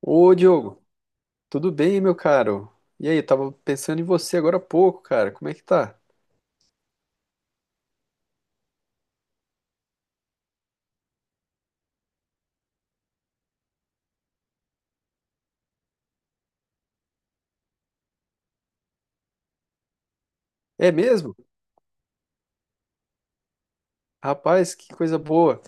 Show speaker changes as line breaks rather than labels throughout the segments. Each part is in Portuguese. Ô, Diogo, tudo bem, meu caro? E aí, eu tava pensando em você agora há pouco, cara. Como é que tá? É mesmo? Rapaz, que coisa boa.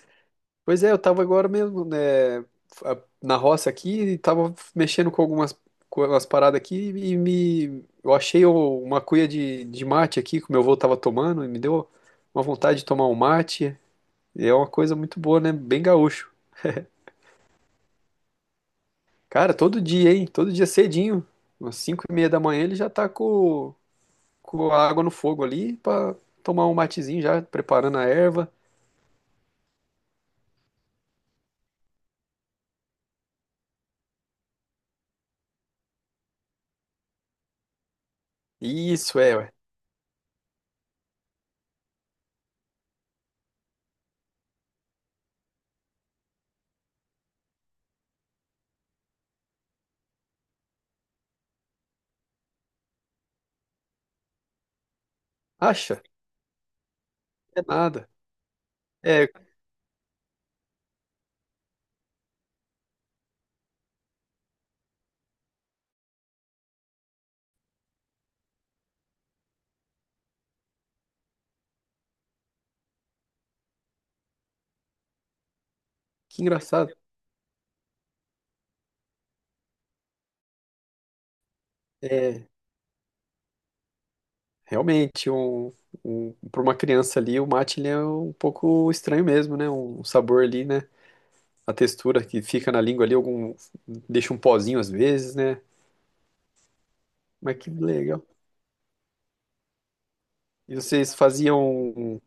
Pois é, eu tava agora mesmo, né, na roça aqui e tava mexendo com algumas com umas paradas aqui e me eu achei uma cuia de mate aqui que o meu avô tava tomando e me deu uma vontade de tomar um mate. E é uma coisa muito boa, né? Bem gaúcho. Cara, todo dia, hein? Todo dia cedinho, umas 5:30 da manhã ele já tá com a água no fogo ali pra tomar um matezinho já, preparando a erva. Isso, é, ué. Acha? É nada. É, que engraçado. É, realmente, para uma criança ali, o mate ele é um pouco estranho mesmo, né? Um sabor ali, né? A textura que fica na língua ali, deixa um pozinho às vezes, né? Mas que legal. E vocês faziam,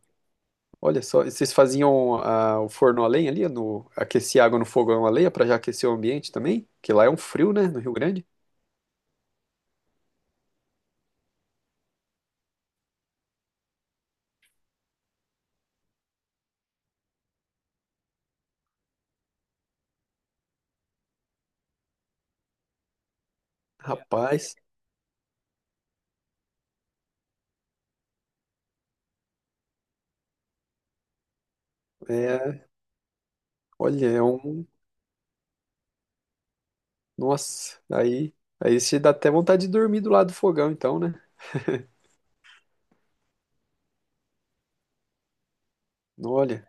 olha só, vocês faziam o forno a lenha ali, aquecer água no fogão a lenha para já aquecer o ambiente também? Que lá é um frio, né? No Rio Grande. Rapaz, é, olha, nossa, aí você dá até vontade de dormir do lado do fogão, então, né? Olha,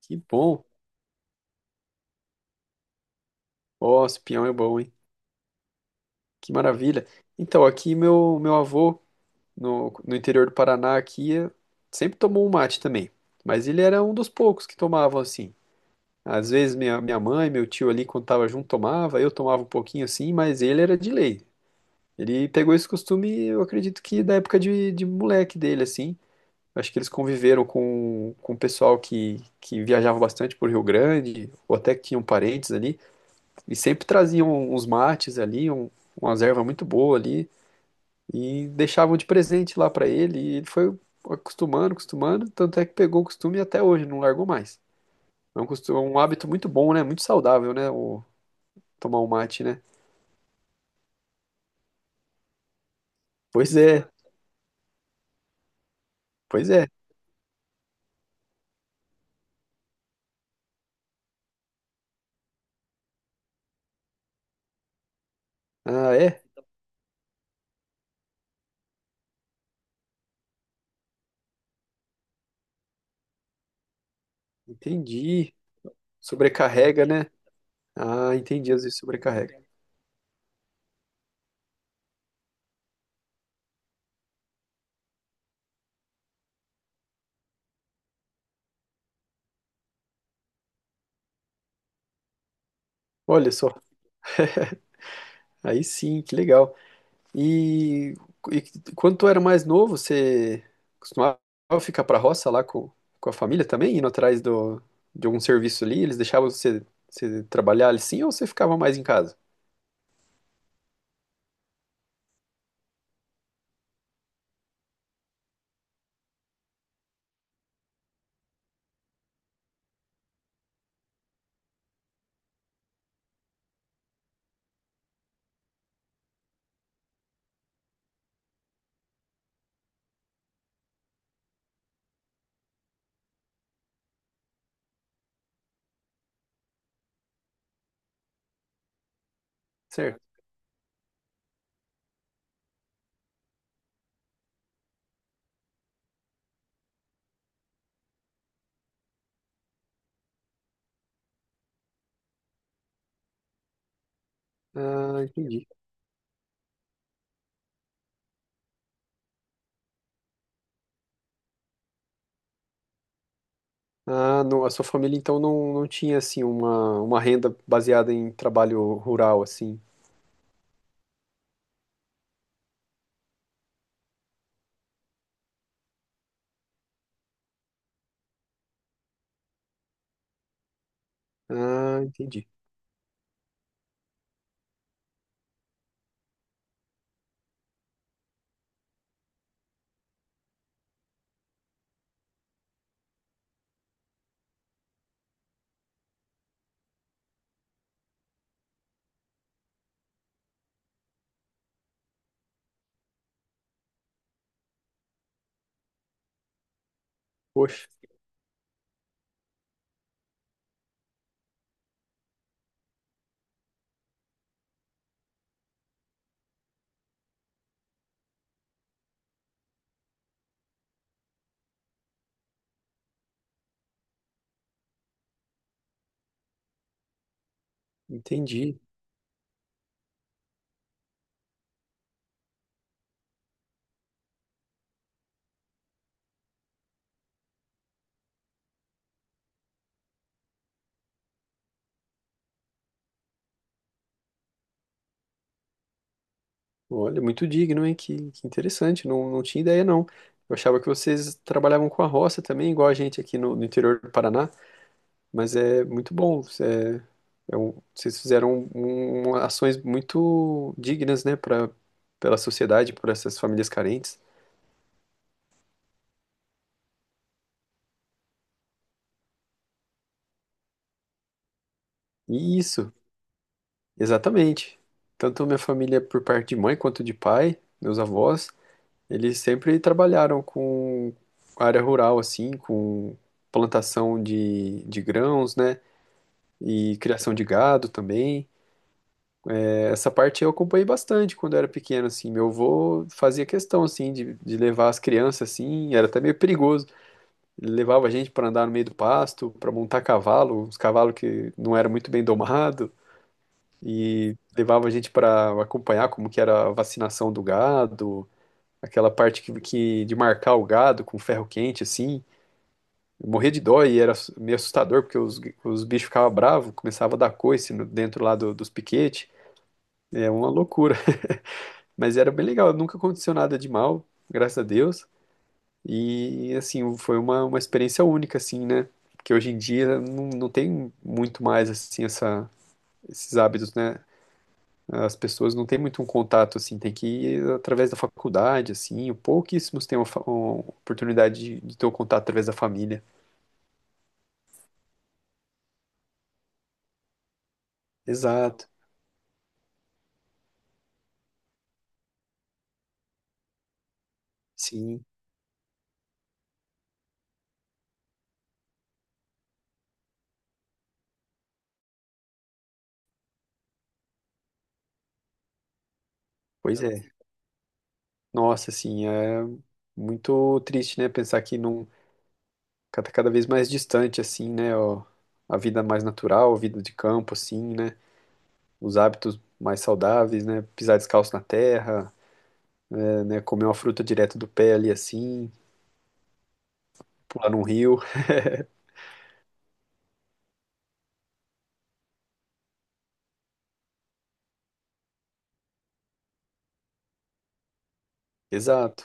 que bom. Ó, esse pinhão é bom, hein? Que maravilha. Então, aqui meu avô no interior do Paraná aqui sempre tomou um mate também, mas ele era um dos poucos que tomavam assim. Às vezes minha mãe, meu tio ali quando tava junto tomava, eu tomava um pouquinho assim, mas ele era de lei. Ele pegou esse costume, eu acredito que da época de moleque dele assim. Acho que eles conviveram com o pessoal que viajava bastante por Rio Grande, ou até que tinham parentes ali, e sempre traziam uns mates ali, umas ervas muito boas ali, e deixavam de presente lá para ele, e ele foi acostumando, acostumando, tanto é que pegou o costume e até hoje, não largou mais. É costume, um hábito muito bom, né? Muito saudável, né? Tomar um mate, né? Pois é, pois é. Ah, é? Entendi. Sobrecarrega, né? Ah, entendi, às vezes sobrecarrega. Olha só, aí sim, que legal. E, e quando tu era mais novo, você costumava ficar pra roça lá com a família também, indo atrás do, de algum serviço ali? Eles deixavam você, você trabalhar ali sim ou você ficava mais em casa? Certo. Ah, entendi. Ah, não, a sua família então não, não tinha assim uma renda baseada em trabalho rural assim. Ah, entendi. Poxa, entendi. Olha, muito digno, hein? Que interessante, não, não tinha ideia, não. Eu achava que vocês trabalhavam com a roça também, igual a gente aqui no, no interior do Paraná, mas é muito bom. É, é vocês fizeram um, ações muito dignas, né, para pela sociedade, por essas famílias carentes. Isso, exatamente. Tanto minha família por parte de mãe quanto de pai, meus avós, eles sempre trabalharam com área rural, assim, com plantação de grãos, né? E criação de gado também. É, essa parte eu acompanhei bastante quando eu era pequeno, assim. Meu avô fazia questão, assim, de levar as crianças, assim, era até meio perigoso. Ele levava a gente para andar no meio do pasto, para montar cavalo, uns cavalos que não eram muito bem domados, e levava a gente para acompanhar como que era a vacinação do gado, aquela parte que de marcar o gado com ferro quente, assim. Eu morria de dó e era meio assustador, porque os bichos ficavam bravos, começava a dar coice dos piquetes. É uma loucura. Mas era bem legal, nunca aconteceu nada de mal, graças a Deus. E assim, foi uma experiência única, assim, né? Que hoje em dia não, não tem muito mais assim esses hábitos, né? As pessoas não têm muito um contato, assim, tem que ir através da faculdade, assim, pouquíssimos têm uma, uma oportunidade de ter o contato através da família. Exato, sim, pois é. Nossa, assim, é muito triste, né? Pensar que não cada vez mais distante, assim, né? Ó, a vida mais natural, a vida de campo, assim, né? Os hábitos mais saudáveis, né? Pisar descalço na terra, é, né? Comer uma fruta direto do pé ali, assim, pular num rio. Exato.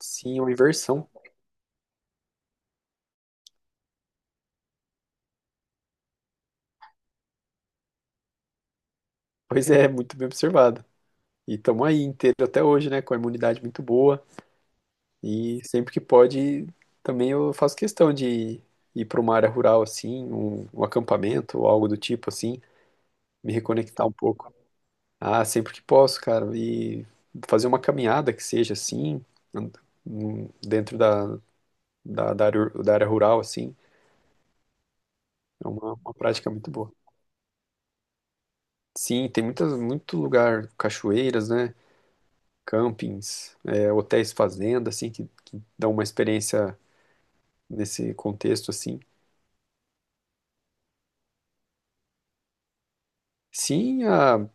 Sim, é uma inversão. Pois é, muito bem observado. E estamos aí inteiro até hoje, né? Com a imunidade muito boa. E sempre que pode, também eu faço questão de ir para uma área rural, assim, um acampamento ou algo do tipo, assim, me reconectar um pouco. Ah, sempre que posso, cara. E fazer uma caminhada que seja assim, and- dentro da área, da área rural, assim, é uma prática muito boa. Sim, tem muitas, muito lugar, cachoeiras, né? Campings, é, hotéis fazenda, assim, que dão uma experiência nesse contexto, assim. Sim,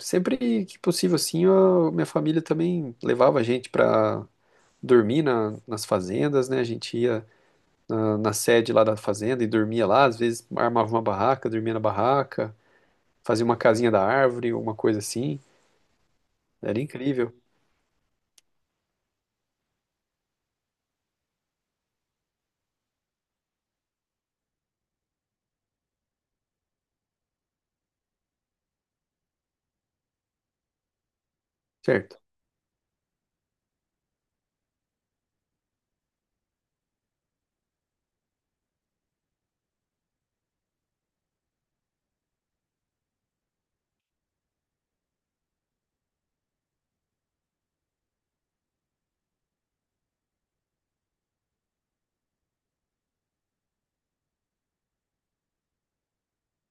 sempre que possível, assim, a minha família também levava a gente para dormir nas fazendas, né? A gente ia na, na sede lá da fazenda e dormia lá. Às vezes armava uma barraca, dormia na barraca, fazia uma casinha da árvore, uma coisa assim. Era incrível, certo?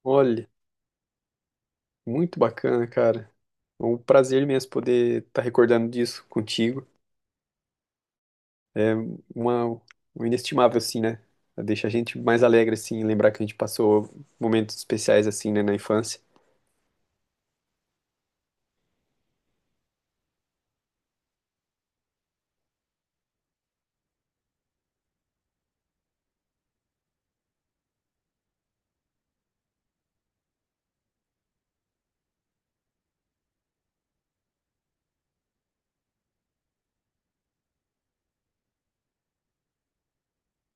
Olha, muito bacana, cara. É um prazer mesmo poder estar recordando disso contigo. É uma, um inestimável, assim, né? Deixa a gente mais alegre, assim, lembrar que a gente passou momentos especiais, assim, né, na infância.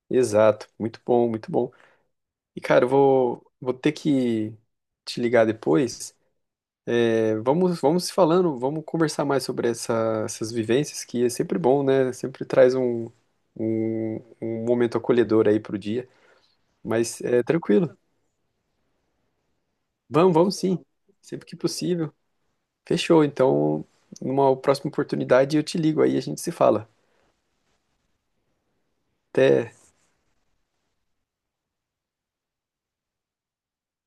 Exato, muito bom, muito bom. E, cara, eu vou, vou ter que te ligar depois. Vamos, vamos se falando, vamos conversar mais sobre essas vivências, que é sempre bom, né? Sempre traz um momento acolhedor aí pro dia. Mas é tranquilo. Vamos, vamos sim. Sempre que possível. Fechou. Então, numa próxima oportunidade, eu te ligo aí, a gente se fala. Até.